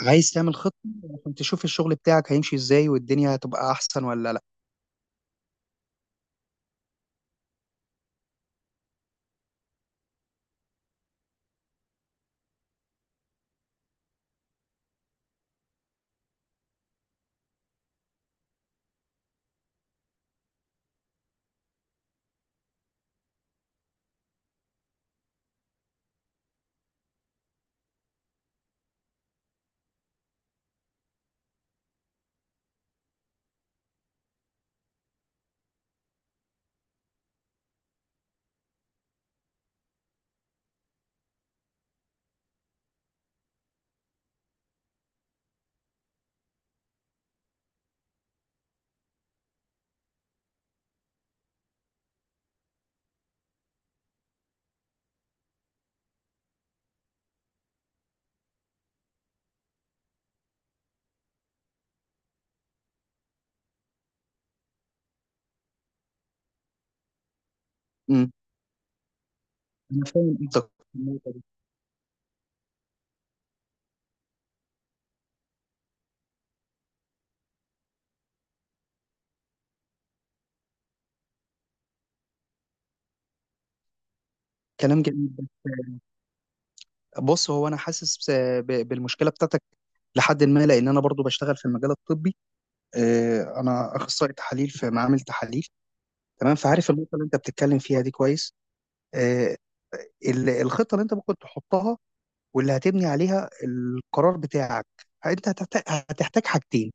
عايز تعمل خطة عشان تشوف الشغل بتاعك هيمشي ازاي والدنيا هتبقى احسن ولا لا؟ امم. انا فاهم قصدك في النقطة دي. كلام جميل بس. بص، هو انا حاسس بالمشكله بتاعتك لحد ما، لان انا برضو بشتغل في المجال الطبي. انا اخصائي تحاليل في معامل تحاليل. تمام، فعارف النقطه اللي انت بتتكلم فيها دي كويس. آه، الخطه اللي انت ممكن تحطها واللي هتبني عليها القرار بتاعك، انت هتحتاج حاجتين.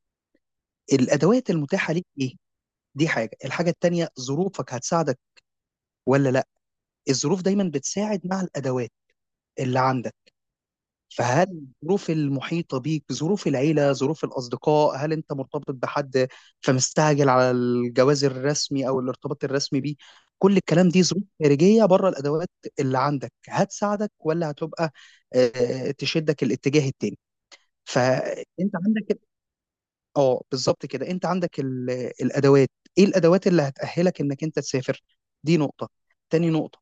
الادوات المتاحه ليك ايه؟ دي حاجة. الحاجة التانية، ظروفك هتساعدك ولا لا. الظروف دايما بتساعد مع الأدوات اللي عندك. فهل الظروف المحيطة بيك، ظروف العيلة، ظروف الأصدقاء، هل أنت مرتبط بحد فمستعجل على الجواز الرسمي أو الارتباط الرسمي بيه؟ كل الكلام دي ظروف خارجية بره الأدوات. اللي عندك هتساعدك ولا هتبقى تشدك الاتجاه التاني. فأنت عندك، اه، بالظبط كده. انت عندك الادوات. ايه الادوات اللي هتأهلك انك انت تسافر؟ دي نقطة. تاني نقطة،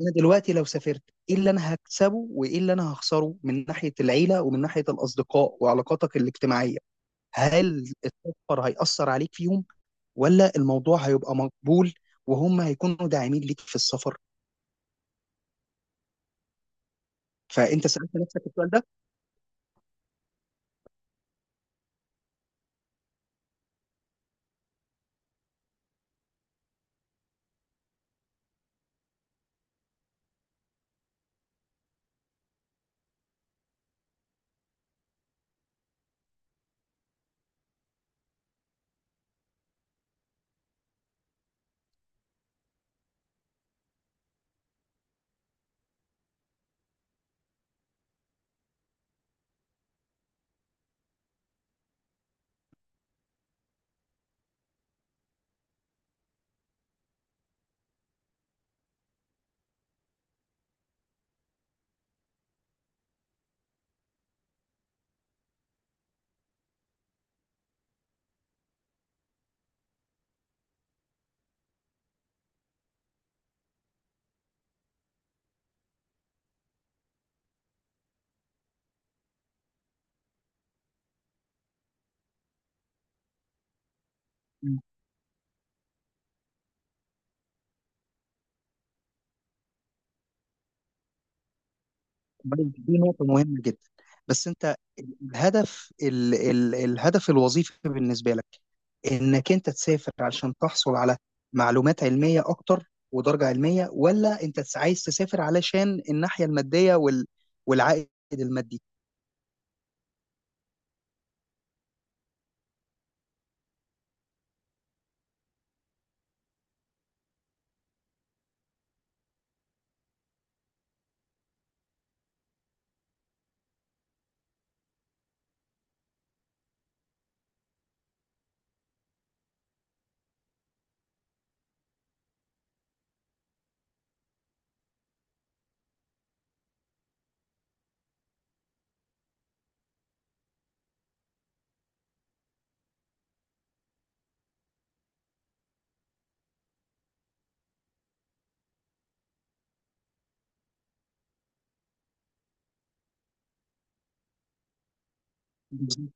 انا دلوقتي لو سافرت ايه اللي انا هكسبه وايه اللي انا هخسره من ناحية العيلة ومن ناحية الاصدقاء وعلاقاتك الاجتماعية؟ هل السفر هيأثر عليك فيهم ولا الموضوع هيبقى مقبول وهم هيكونوا داعمين ليك في السفر؟ فانت سألت نفسك السؤال ده؟ طيب، دي نقطة مهمة جدا. بس انت، الهدف ال ال الهدف الوظيفي بالنسبة لك، انك انت تسافر علشان تحصل على معلومات علمية اكتر ودرجة علمية، ولا انت عايز تسافر علشان الناحية المادية والعائد المادي؟ بالظبط.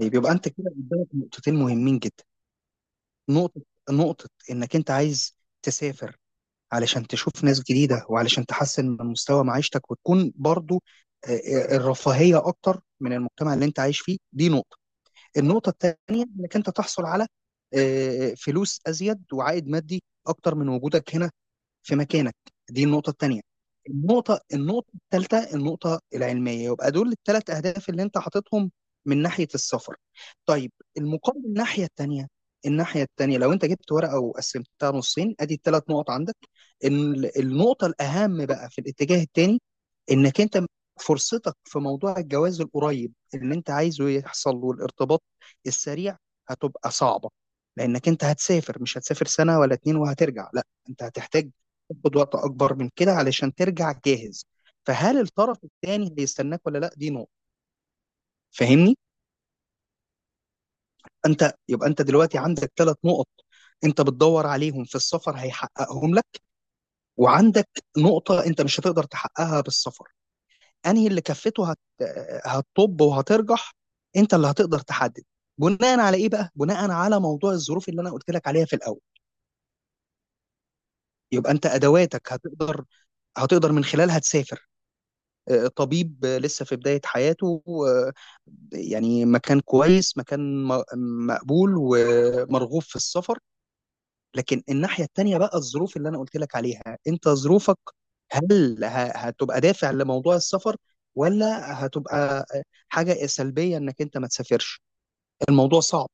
طيب، يبقى انت كده قدامك نقطتين مهمين جدا. نقطة، انك انت عايز تسافر علشان تشوف ناس جديدة وعلشان تحسن من مستوى معيشتك وتكون برضو الرفاهية أكتر من المجتمع اللي أنت عايش فيه، دي نقطة. النقطة الثانية، إنك أنت تحصل على فلوس أزيد وعائد مادي أكتر من وجودك هنا في مكانك، دي النقطة التانية. النقطة، التالتة، النقطة العلمية. يبقى دول الثلاث أهداف اللي أنت حاططهم من ناحية السفر. طيب، المقابل الناحية التانية. الناحية التانية، لو أنت جبت ورقة وقسمتها نصين أدي الثلاث نقط عندك. النقطة الأهم بقى في الاتجاه التاني، انك انت فرصتك في موضوع الجواز القريب اللي انت عايزه يحصل له الارتباط السريع هتبقى صعبة. لانك انت هتسافر مش هتسافر سنة ولا اتنين وهترجع، لا. انت هتحتاج تاخد وقت اكبر من كده علشان ترجع جاهز. فهل الطرف الثاني هيستناك ولا لا؟ دي نقطة. فاهمني؟ انت يبقى، انت دلوقتي عندك ثلاث نقط انت بتدور عليهم في السفر هيحققهم لك، وعندك نقطة انت مش هتقدر تحققها بالسفر. انهي اللي كفته هتطب وهترجح؟ انت اللي هتقدر تحدد، بناء على ايه بقى؟ بناء على موضوع الظروف اللي انا قلت لك عليها في الاول. يبقى انت ادواتك هتقدر من خلالها تسافر، طبيب لسه في بداية حياته، آه، يعني مكان كويس، مكان مقبول ومرغوب في السفر. لكن الناحية التانية بقى، الظروف اللي أنا قلت لك عليها، أنت ظروفك، هل هتبقى دافع لموضوع السفر ولا هتبقى حاجة سلبية إنك أنت ما تسافرش؟ الموضوع صعب.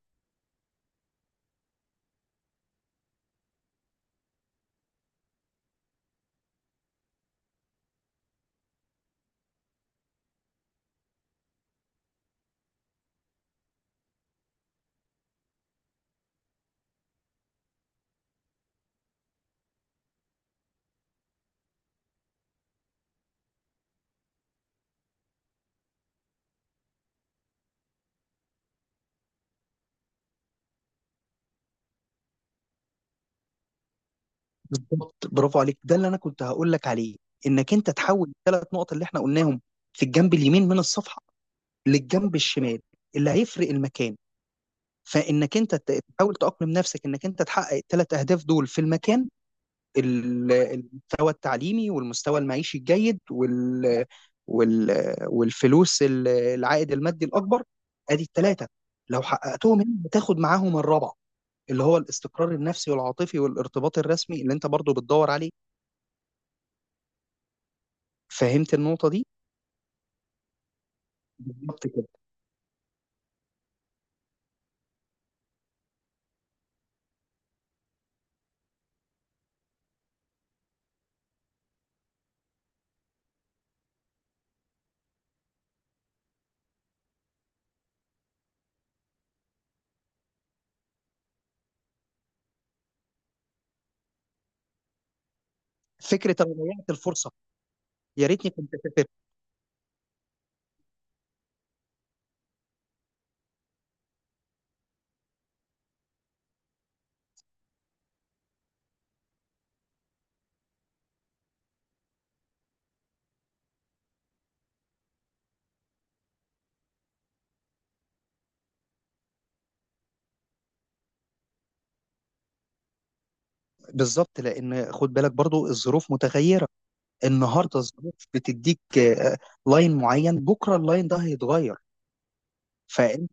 بالظبط، برافو عليك. ده اللي أنا كنت هقول لك عليه، إنك أنت تحول الثلاث نقط اللي إحنا قلناهم في الجنب اليمين من الصفحة للجنب الشمال اللي هيفرق المكان. فإنك أنت تحاول تأقلم نفسك إنك أنت تحقق الثلاث أهداف دول في المكان. المستوى التعليمي والمستوى المعيشي الجيد وال والفلوس، العائد المادي الاكبر. ادي الثلاثه لو حققتهم هنا بتاخد معاهم الرابع، اللي هو الاستقرار النفسي والعاطفي والارتباط الرسمي اللي انت برضو بتدور عليه. فهمت النقطه دي؟ بالظبط كده. فكره انا ضيعت الفرصه، يا ريتني كنت سافرت. بالظبط، لان خد بالك برضو الظروف متغيره. النهارده الظروف بتديك لاين معين، بكره اللاين ده هيتغير. فانت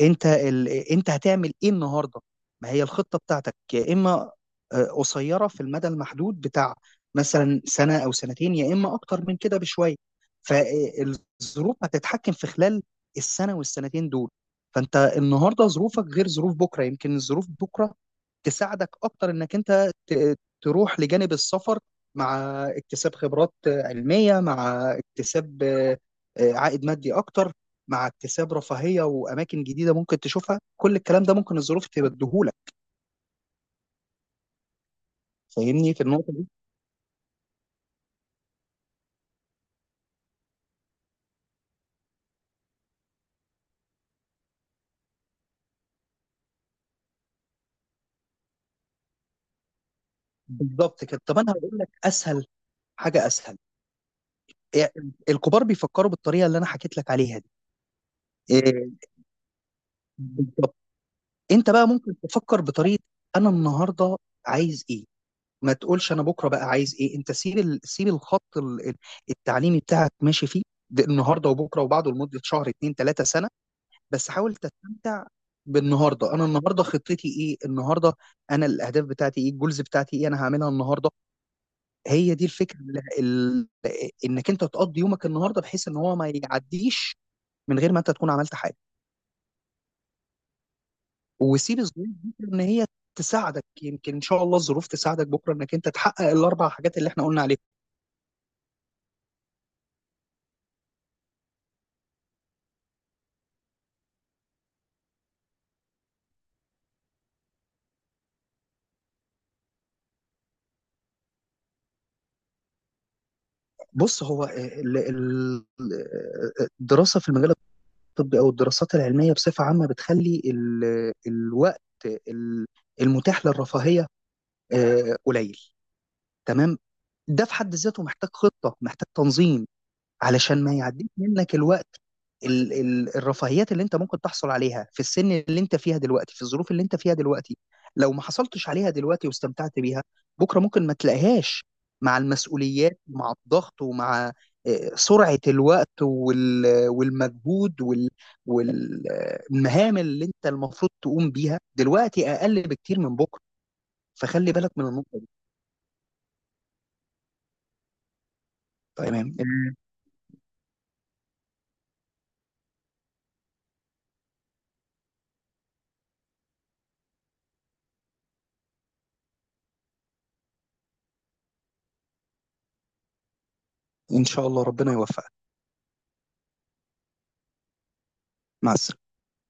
انت هتعمل ايه النهارده؟ ما هي الخطه بتاعتك، يا اما قصيره في المدى المحدود بتاع مثلا سنه او سنتين، يا اما اكتر من كده بشويه. فالظروف هتتحكم في خلال السنه والسنتين دول. فانت النهارده ظروفك غير ظروف بكره. يمكن الظروف بكره تساعدك اكتر انك انت تروح لجانب السفر مع اكتساب خبرات علميه، مع اكتساب عائد مادي اكتر، مع اكتساب رفاهيه واماكن جديده ممكن تشوفها. كل الكلام ده ممكن الظروف تبديهولك. فاهمني في النقطه دي؟ بالظبط كده. طب انا هقول لك اسهل حاجه، اسهل إيه، الكبار بيفكروا بالطريقه اللي انا حكيت لك عليها دي، إيه، بالظبط. انت بقى ممكن تفكر بطريقه، انا النهارده عايز ايه؟ ما تقولش انا بكره بقى عايز ايه. انت سيب سيب الخط التعليمي بتاعك ماشي فيه ده، النهارده وبكره وبعده لمده شهر اتنين تلاته سنه. بس حاول تستمتع بالنهارده. انا النهارده خطتي ايه؟ النهارده انا الاهداف بتاعتي ايه؟ الجولز بتاعتي ايه؟ انا هعملها النهارده. هي دي الفكره، انك انت تقضي يومك النهارده بحيث ان هو ما يعديش من غير ما انت تكون عملت حاجه. وسيب الظروف دي ان هي تساعدك. يمكن ان شاء الله الظروف تساعدك بكره انك انت تحقق الاربع حاجات اللي احنا قلنا عليها. بص، هو الدراسه في المجال الطب او الدراسات العلميه بصفه عامه بتخلي الوقت ال- المتاح للرفاهيه قليل. تمام. ده في حد ذاته محتاج خطه، محتاج تنظيم، علشان ما يعديش منك الوقت. ال ال الرفاهيات اللي انت ممكن تحصل عليها في السن اللي انت فيها دلوقتي، في الظروف اللي انت فيها دلوقتي، لو ما حصلتش عليها دلوقتي واستمتعت بيها، بكره ممكن ما تلاقيهاش. مع المسؤوليات، مع الضغط، ومع سرعة الوقت والمجهود والمهام اللي انت المفروض تقوم بيها دلوقتي اقل بكتير من بكره. فخلي بالك من النقطة دي. تمام. ان شاء الله ربنا يوفقك. مع السلامة.